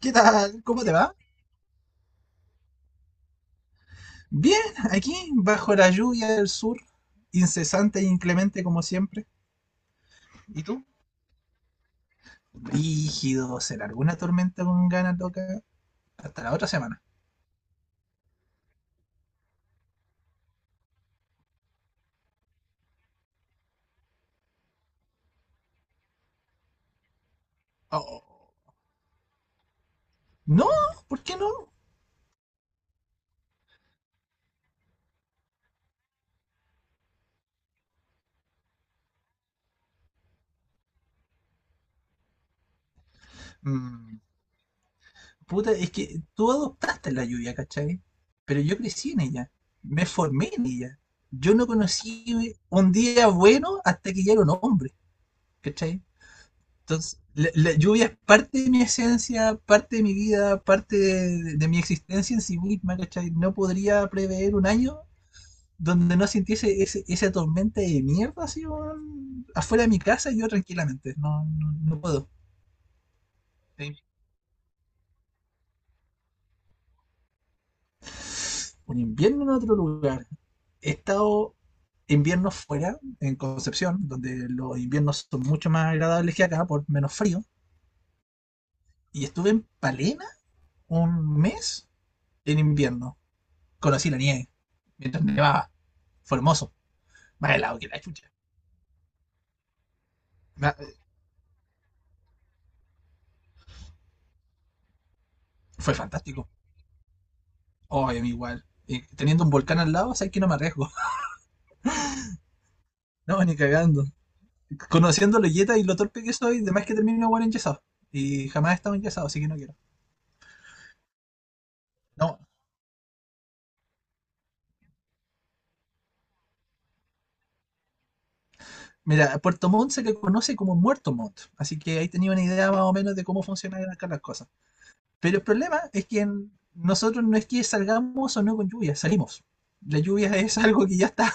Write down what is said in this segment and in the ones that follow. ¿Qué tal? ¿Cómo te va? Bien, aquí, bajo la lluvia del sur, incesante e inclemente como siempre. ¿Y tú? Rígido, se largó una tormenta con ganas loca hasta la otra semana. Oh. No, ¿por qué no? Mm, puta, es que tú adoptaste la lluvia, ¿cachai? Pero yo crecí en ella, me formé en ella. Yo no conocí un día bueno hasta que ya era un hombre, ¿cachai? Entonces, la lluvia es parte de mi esencia, parte de mi vida, parte de, de mi existencia en sí misma, ¿cachai? No podría prever un año donde no sintiese esa tormenta de mierda así, weón, afuera de mi casa y yo tranquilamente. No, no, no puedo. Un invierno en otro lugar. He estado inviernos fuera, en Concepción, donde los inviernos son mucho más agradables que acá, por menos frío. Y estuve en Palena un mes en invierno. Conocí la nieve mientras nevaba. Fue hermoso. Más helado que la chucha. Fue fantástico. Oh, a mí igual. Y teniendo un volcán al lado, sabes que no me arriesgo. No, ni cagando. Conociendo la yeta y lo torpe que soy, de más que termino igual enyesado. Y jamás he estado enyesado, así que no quiero. No. Mira, Puerto Montt se le conoce como Muerto Montt, así que ahí tenía una idea más o menos de cómo funcionan acá las cosas. Pero el problema es que nosotros no es que salgamos o no con lluvia, salimos. La lluvia es algo que ya está.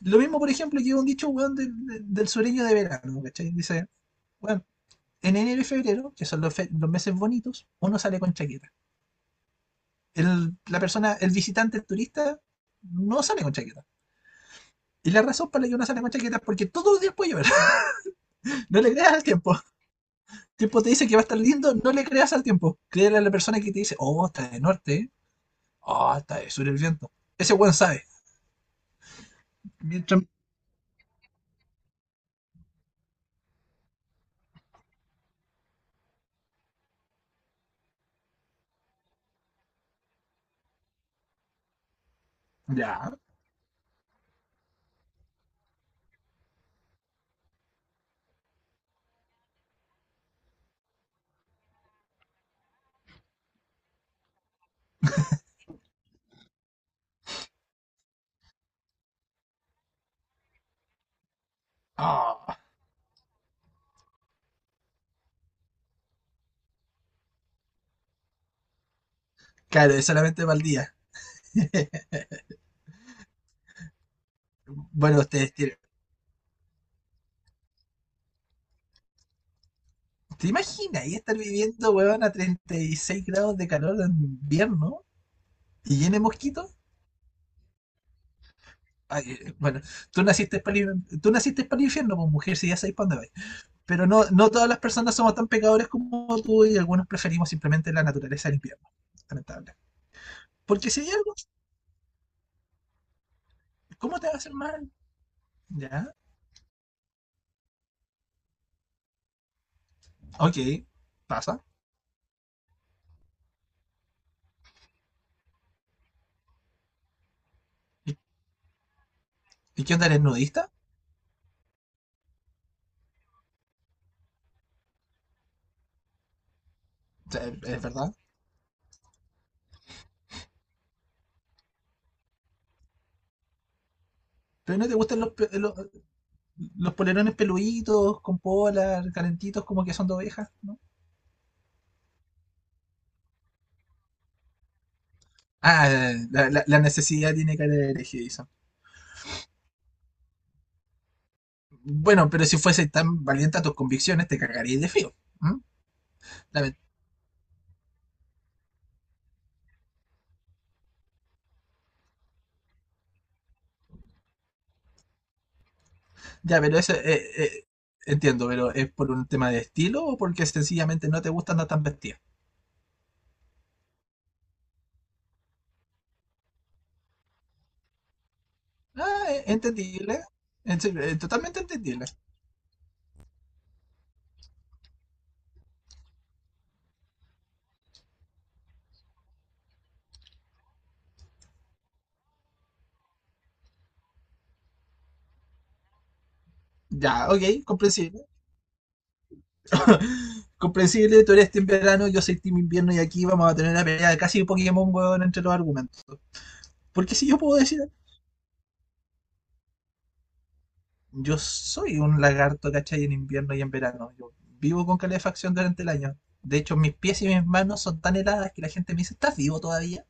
Lo mismo, por ejemplo, que un dicho, weón, del sureño de verano, ¿cachai? Dice, bueno, en enero y febrero, que son los, los meses bonitos, uno sale con chaqueta. El, la persona, el visitante, el turista, no sale con chaqueta. Y la razón para la que uno sale con chaqueta es porque todos los días puede llover. No le creas al tiempo. El tiempo te dice que va a estar lindo, no le creas al tiempo. Créele a la persona que te dice, oh, está de norte, oh, está de sur el viento. Ese weón sabe. Mientras... Ya. Ah, claro, es solamente para el día. Bueno, ustedes tienen. ¿Te imaginas ahí estar viviendo, weón, a 36 grados de calor en invierno y llene de mosquitos? Ay, bueno, tú naciste para el, tú naciste para el infierno, pues mujer, si ya sabes para dónde vais. Pero no, no todas las personas somos tan pecadores como tú y algunos preferimos simplemente la naturaleza del invierno. Lamentable. Porque si hay algo, ¿cómo te va a hacer mal? Ya, ok, pasa. ¿Y, y qué onda eres nudista? O sea, es verdad. Pero no te gustan los, los polerones peluditos, con polar, calentitos, como que son de ovejas, ¿no? Ah, la, la necesidad tiene cara de hereje, dice. Bueno, pero si fuese tan valiente a tus convicciones, te cargarías de frío. ¿M? Lame- Ya, pero eso entiendo, pero ¿es por un tema de estilo o porque sencillamente no te gusta andar tan vestida? Ah, entendible. En serio, totalmente entendible. Ya, ok, comprensible. Comprensible, tú eres team verano, yo soy team invierno y aquí vamos a tener una pelea de casi Pokémon, huevón, entre los argumentos. Porque si yo puedo decir yo soy un lagarto, ¿cachai? En invierno y en verano. Yo vivo con calefacción durante el año. De hecho, mis pies y mis manos son tan heladas que la gente me dice, ¿estás vivo todavía?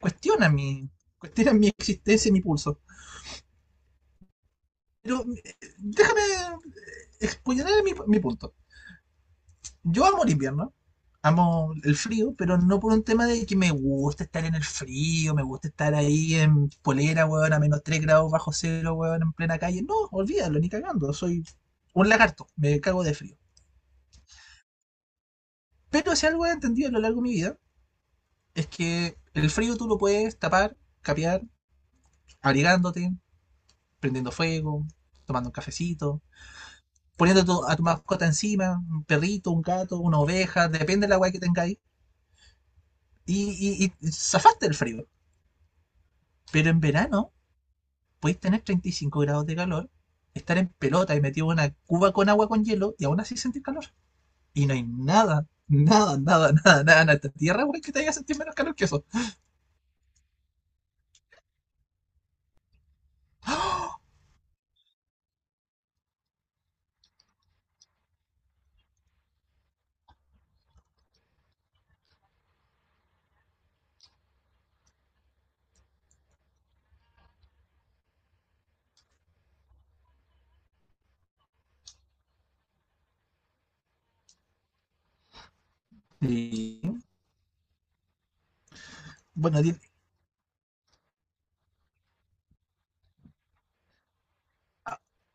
Cuestiona mi, cuestiona mi existencia y mi pulso. Pero déjame exponer mi punto. Yo amo el invierno, amo el frío, pero no por un tema de que me gusta estar en el frío, me gusta estar ahí en polera, weón, a menos 3 grados bajo cero, weón, en plena calle. No, olvídalo, ni cagando. Soy un lagarto, me cago de frío. Pero si algo he entendido a lo largo de mi vida es que el frío tú lo puedes tapar, capear, abrigándote, prendiendo fuego, tomando un cafecito, poniendo a tu mascota encima, un perrito, un gato, una oveja, depende de la guay que tengáis, y, y zafaste el frío. Pero en verano podéis tener 35 grados de calor, estar en pelota y metido en una cuba con agua con hielo y aún así sentir calor. Y no hay nada, nada, nada, nada, nada en esta tierra, güey, que te haya sentir menos calor que eso. Y, bueno, di-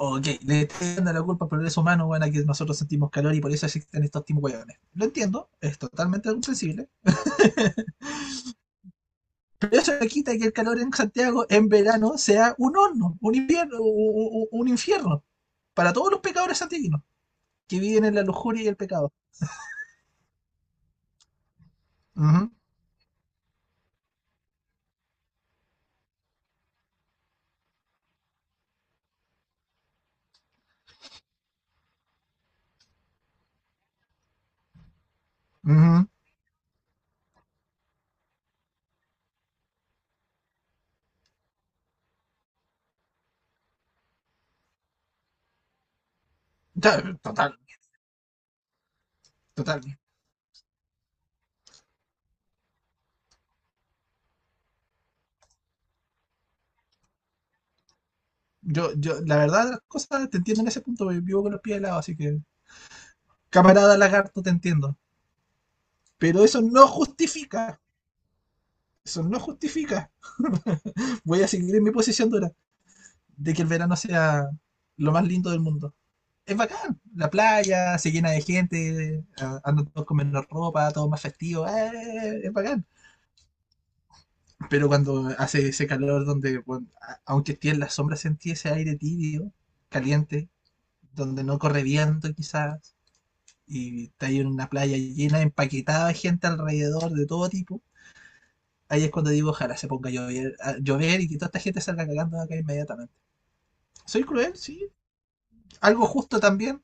Ok, le están dando la culpa al progreso humano, bueno, que nosotros sentimos calor y por eso existen estos tipos de hueones. Lo entiendo, es totalmente comprensible, pero eso no quita que el calor en Santiago en verano sea un horno, un invierno, un infierno para todos los pecadores santiaguinos que viven en la lujuria y el pecado. Ujú, ujú. Ya, total, total. La verdad, las cosas te entiendo en ese punto, vivo con los pies helados, así que, camarada lagarto, te entiendo. Pero eso no justifica. Eso no justifica. Voy a seguir en mi posición dura de que el verano sea lo más lindo del mundo. Es bacán, la playa se llena de gente, andan todos con menos ropa, todo más festivo, ¡eh! Es bacán. Pero cuando hace ese calor donde, bueno, aunque esté en la sombra, sentí ese aire tibio, caliente, donde no corre viento quizás, y está ahí en una playa llena, empaquetada de gente alrededor de todo tipo, ahí es cuando digo, ojalá se ponga a llover y que toda esta gente salga cagando de acá inmediatamente. ¿Soy cruel? Sí. ¿Algo justo también?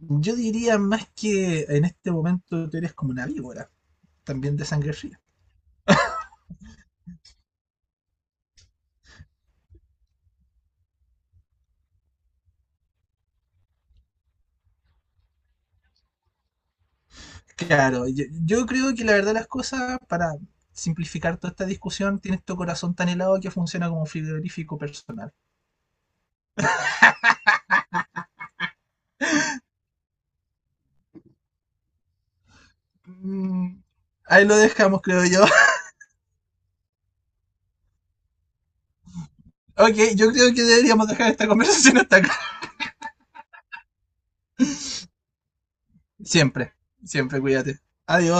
Yo diría más que en este momento tú eres como una víbora, también de sangre fría. Claro, yo creo que la verdad las cosas, para simplificar toda esta discusión, tienes tu corazón tan helado que funciona como un frigorífico personal. Mm, Ahí lo dejamos, creo yo. Ok, yo creo que deberíamos dejar esta conversación hasta acá. Siempre, siempre cuídate. Adiós.